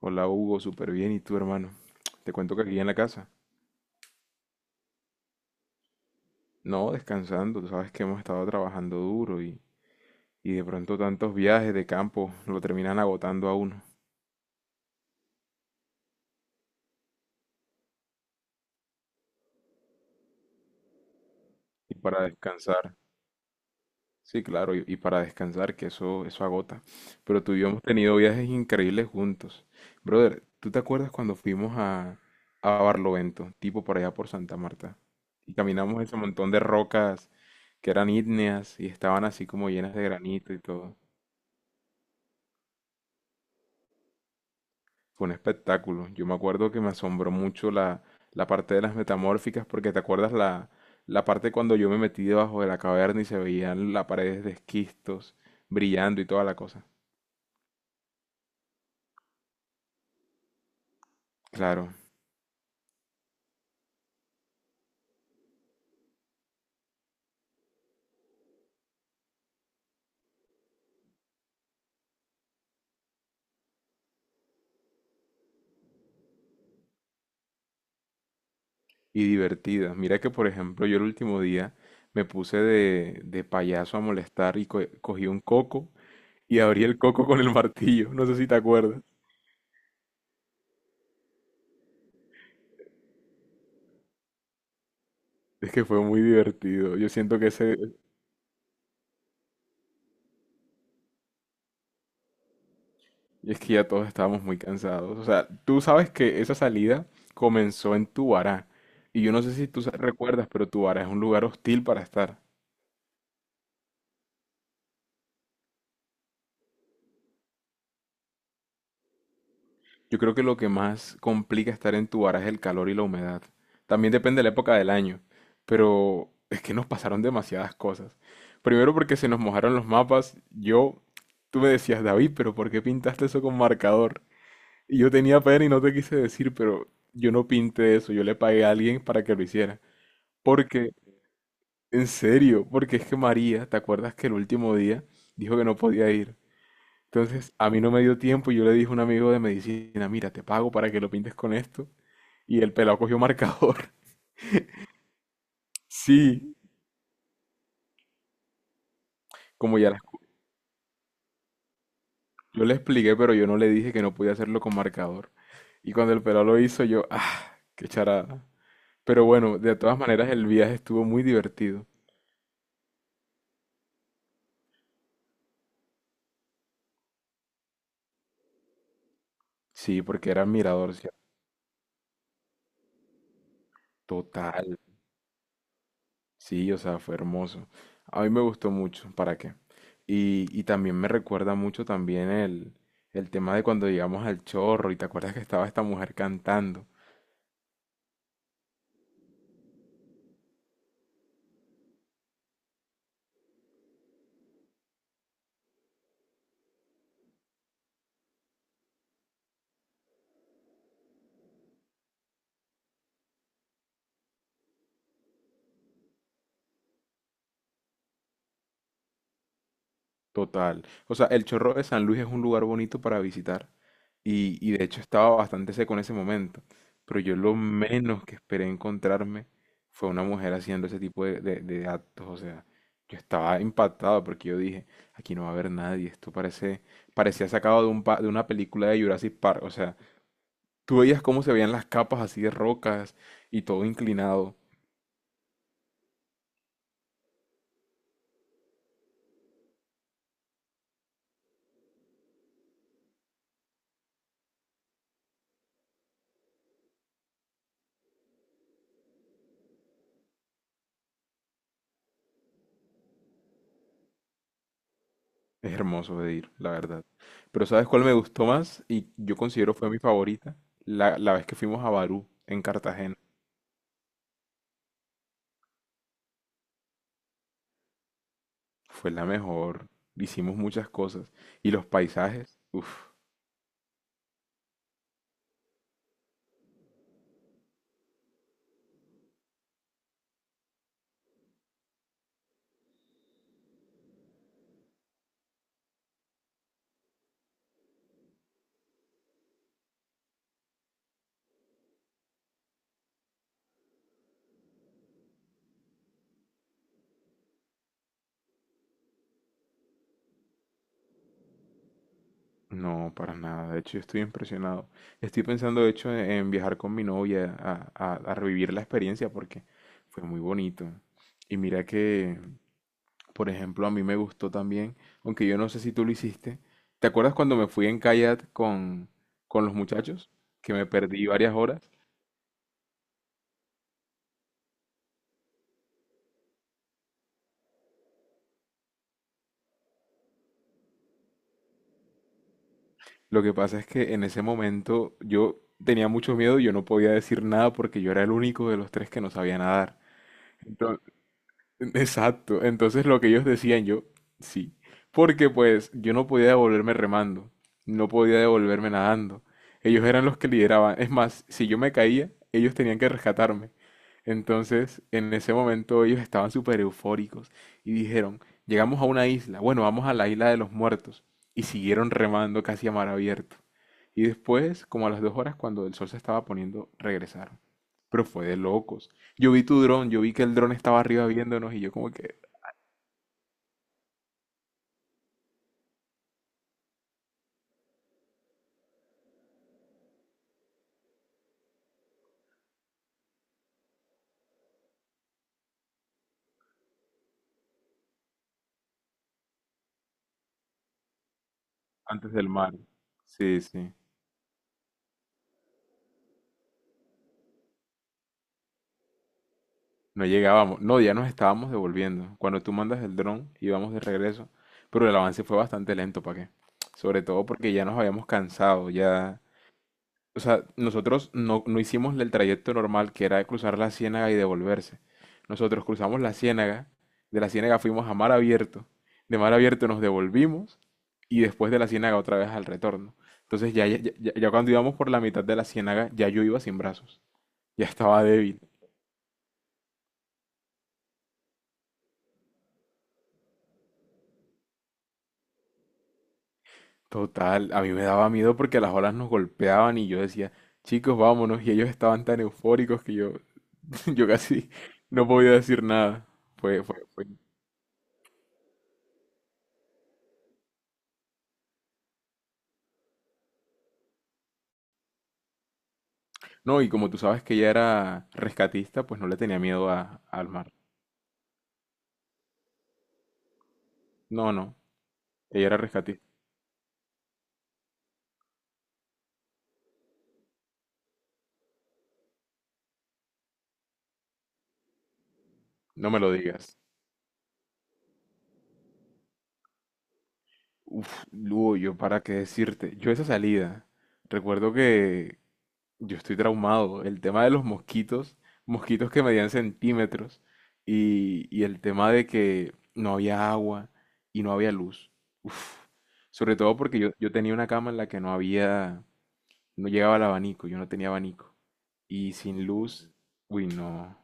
Hola Hugo, súper bien. ¿Y tú, hermano? Te cuento que aquí en la casa. No, descansando. Tú sabes que hemos estado trabajando duro y de pronto tantos viajes de campo lo terminan agotando a uno. Y para descansar, sí, claro, y para descansar, que eso agota. Pero tú y yo hemos tenido viajes increíbles juntos. Brother, ¿tú te acuerdas cuando fuimos a Barlovento, tipo por allá por Santa Marta? Y caminamos ese montón de rocas que eran ígneas y estaban así como llenas de granito y todo. Fue un espectáculo. Yo me acuerdo que me asombró mucho la parte de las metamórficas, porque te acuerdas la parte cuando yo me metí debajo de la caverna y se veían las paredes de esquistos brillando y toda la cosa. Claro, y divertida. Mira que, por ejemplo, yo el último día me puse de payaso a molestar y cogí un coco y abrí el coco con el martillo. No sé si te acuerdas. Es que fue muy divertido. Yo siento que ese. Y es que ya todos estábamos muy cansados. O sea, tú sabes que esa salida comenzó en Tubará. Y yo no sé si tú recuerdas, pero Tubará es un lugar hostil para estar. Yo creo que lo que más complica estar en Tubará es el calor y la humedad. También depende de la época del año. Pero es que nos pasaron demasiadas cosas. Primero porque se nos mojaron los mapas. Yo, tú me decías, David, pero ¿por qué pintaste eso con marcador? Y yo tenía pena y no te quise decir, pero yo no pinté eso. Yo le pagué a alguien para que lo hiciera. Porque... En serio, porque es que María, ¿te acuerdas que el último día dijo que no podía ir? Entonces, a mí no me dio tiempo y yo le dije a un amigo de medicina, mira, te pago para que lo pintes con esto. Y el pelado cogió marcador. Sí, como ya la- yo le expliqué, pero yo no le dije que no podía hacerlo con marcador. Y cuando el pelado lo hizo, yo, ah, qué charada. Pero bueno, de todas maneras, el viaje estuvo muy divertido. Sí, porque era mirador, ¿cierto? Total. Sí, o sea, fue hermoso. A mí me gustó mucho, ¿para qué? Y también me recuerda mucho también el tema de cuando llegamos al Chorro y te acuerdas que estaba esta mujer cantando. Total. O sea, el Chorro de San Luis es un lugar bonito para visitar. Y de hecho estaba bastante seco en ese momento. Pero yo lo menos que esperé encontrarme fue una mujer haciendo ese tipo de actos. O sea, yo estaba impactado porque yo dije, aquí no va a haber nadie. Esto parece, parecía sacado de de una película de Jurassic Park. O sea, tú veías cómo se veían las capas así de rocas y todo inclinado. Es hermoso de ir, la verdad. Pero ¿sabes cuál me gustó más? Y yo considero fue mi favorita. La vez que fuimos a Barú, en Cartagena. Fue la mejor. Hicimos muchas cosas. Y los paisajes, uff, no, para nada. De hecho, yo estoy impresionado. Estoy pensando, de hecho, en viajar con mi novia a revivir la experiencia porque fue muy bonito. Y mira que, por ejemplo, a mí me gustó también, aunque yo no sé si tú lo hiciste. ¿Te acuerdas cuando me fui en kayak con los muchachos? Que me perdí varias horas. Lo que pasa es que en ese momento yo tenía mucho miedo y yo no podía decir nada porque yo era el único de los tres que no sabía nadar. Exacto. Entonces lo que ellos decían yo, sí. Porque pues yo no podía devolverme remando, no podía devolverme nadando. Ellos eran los que lideraban. Es más, si yo me caía, ellos tenían que rescatarme. Entonces, en ese momento ellos estaban súper eufóricos y dijeron, llegamos a una isla, bueno, vamos a la isla de los muertos. Y siguieron remando casi a mar abierto. Y después, como a las 2 horas, cuando el sol se estaba poniendo, regresaron. Pero fue de locos. Yo vi tu dron, yo vi que el dron estaba arriba viéndonos y yo como que antes del mar. Sí, sí. No llegábamos. No, ya nos estábamos devolviendo. Cuando tú mandas el dron, íbamos de regreso. Pero el avance fue bastante lento, ¿para qué? Sobre todo porque ya nos habíamos cansado, ya. O sea, nosotros no, no hicimos el trayecto normal que era cruzar la ciénaga y devolverse. Nosotros cruzamos la ciénaga, de la ciénaga fuimos a mar abierto, de mar abierto nos devolvimos y después de la ciénaga otra vez al retorno. Entonces ya cuando íbamos por la mitad de la ciénaga, ya yo iba sin brazos, ya estaba débil. Total, a mí me daba miedo porque las olas nos golpeaban y yo decía, chicos, vámonos, y ellos estaban tan eufóricos que yo, yo casi no podía decir nada. Fue. No, y como tú sabes que ella era rescatista, pues no le tenía miedo al mar. No, no, ella era rescatista. No me lo digas. Uf, Lugo, yo para qué decirte. Yo esa salida, recuerdo que yo estoy traumado. El tema de los mosquitos, mosquitos que medían centímetros, y el tema de que no había agua y no había luz. Uf, sobre todo porque yo tenía una cama en la que no había, no llegaba el abanico, yo no tenía abanico. Y sin luz, uy, no.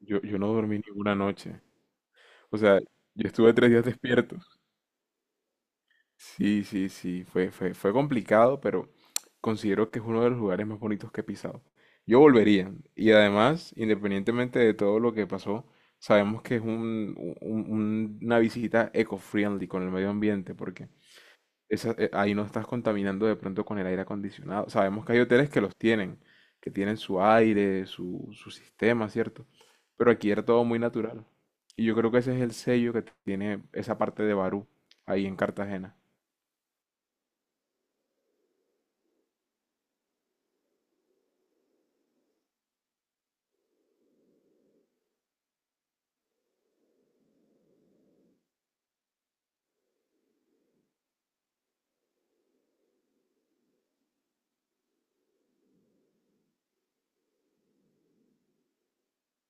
Yo no dormí ninguna noche. O sea, yo estuve 3 días despierto. Sí, sí, sí, fue complicado, pero considero que es uno de los lugares más bonitos que he pisado. Yo volvería. Y además, independientemente de todo lo que pasó, sabemos que es una visita eco-friendly con el medio ambiente, porque ahí no estás contaminando de pronto con el aire acondicionado. Sabemos que hay hoteles que los tienen, que tienen su aire, su sistema, ¿cierto? Pero aquí era todo muy natural. Y yo creo que ese es el sello que tiene esa parte de Barú, ahí en Cartagena.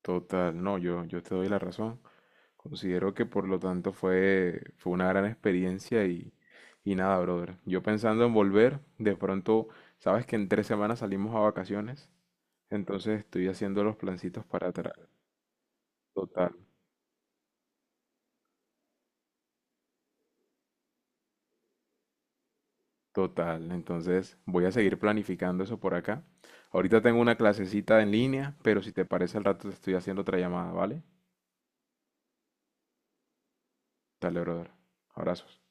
Total, no, yo te doy la razón. Considero que por lo tanto fue una gran experiencia y nada, brother. Yo pensando en volver, de pronto, sabes que en 3 semanas salimos a vacaciones, entonces estoy haciendo los plancitos para atrás. Total. Total, entonces voy a seguir planificando eso por acá. Ahorita tengo una clasecita en línea, pero si te parece al rato te estoy haciendo otra llamada, ¿vale? Dale, brother. Abrazos.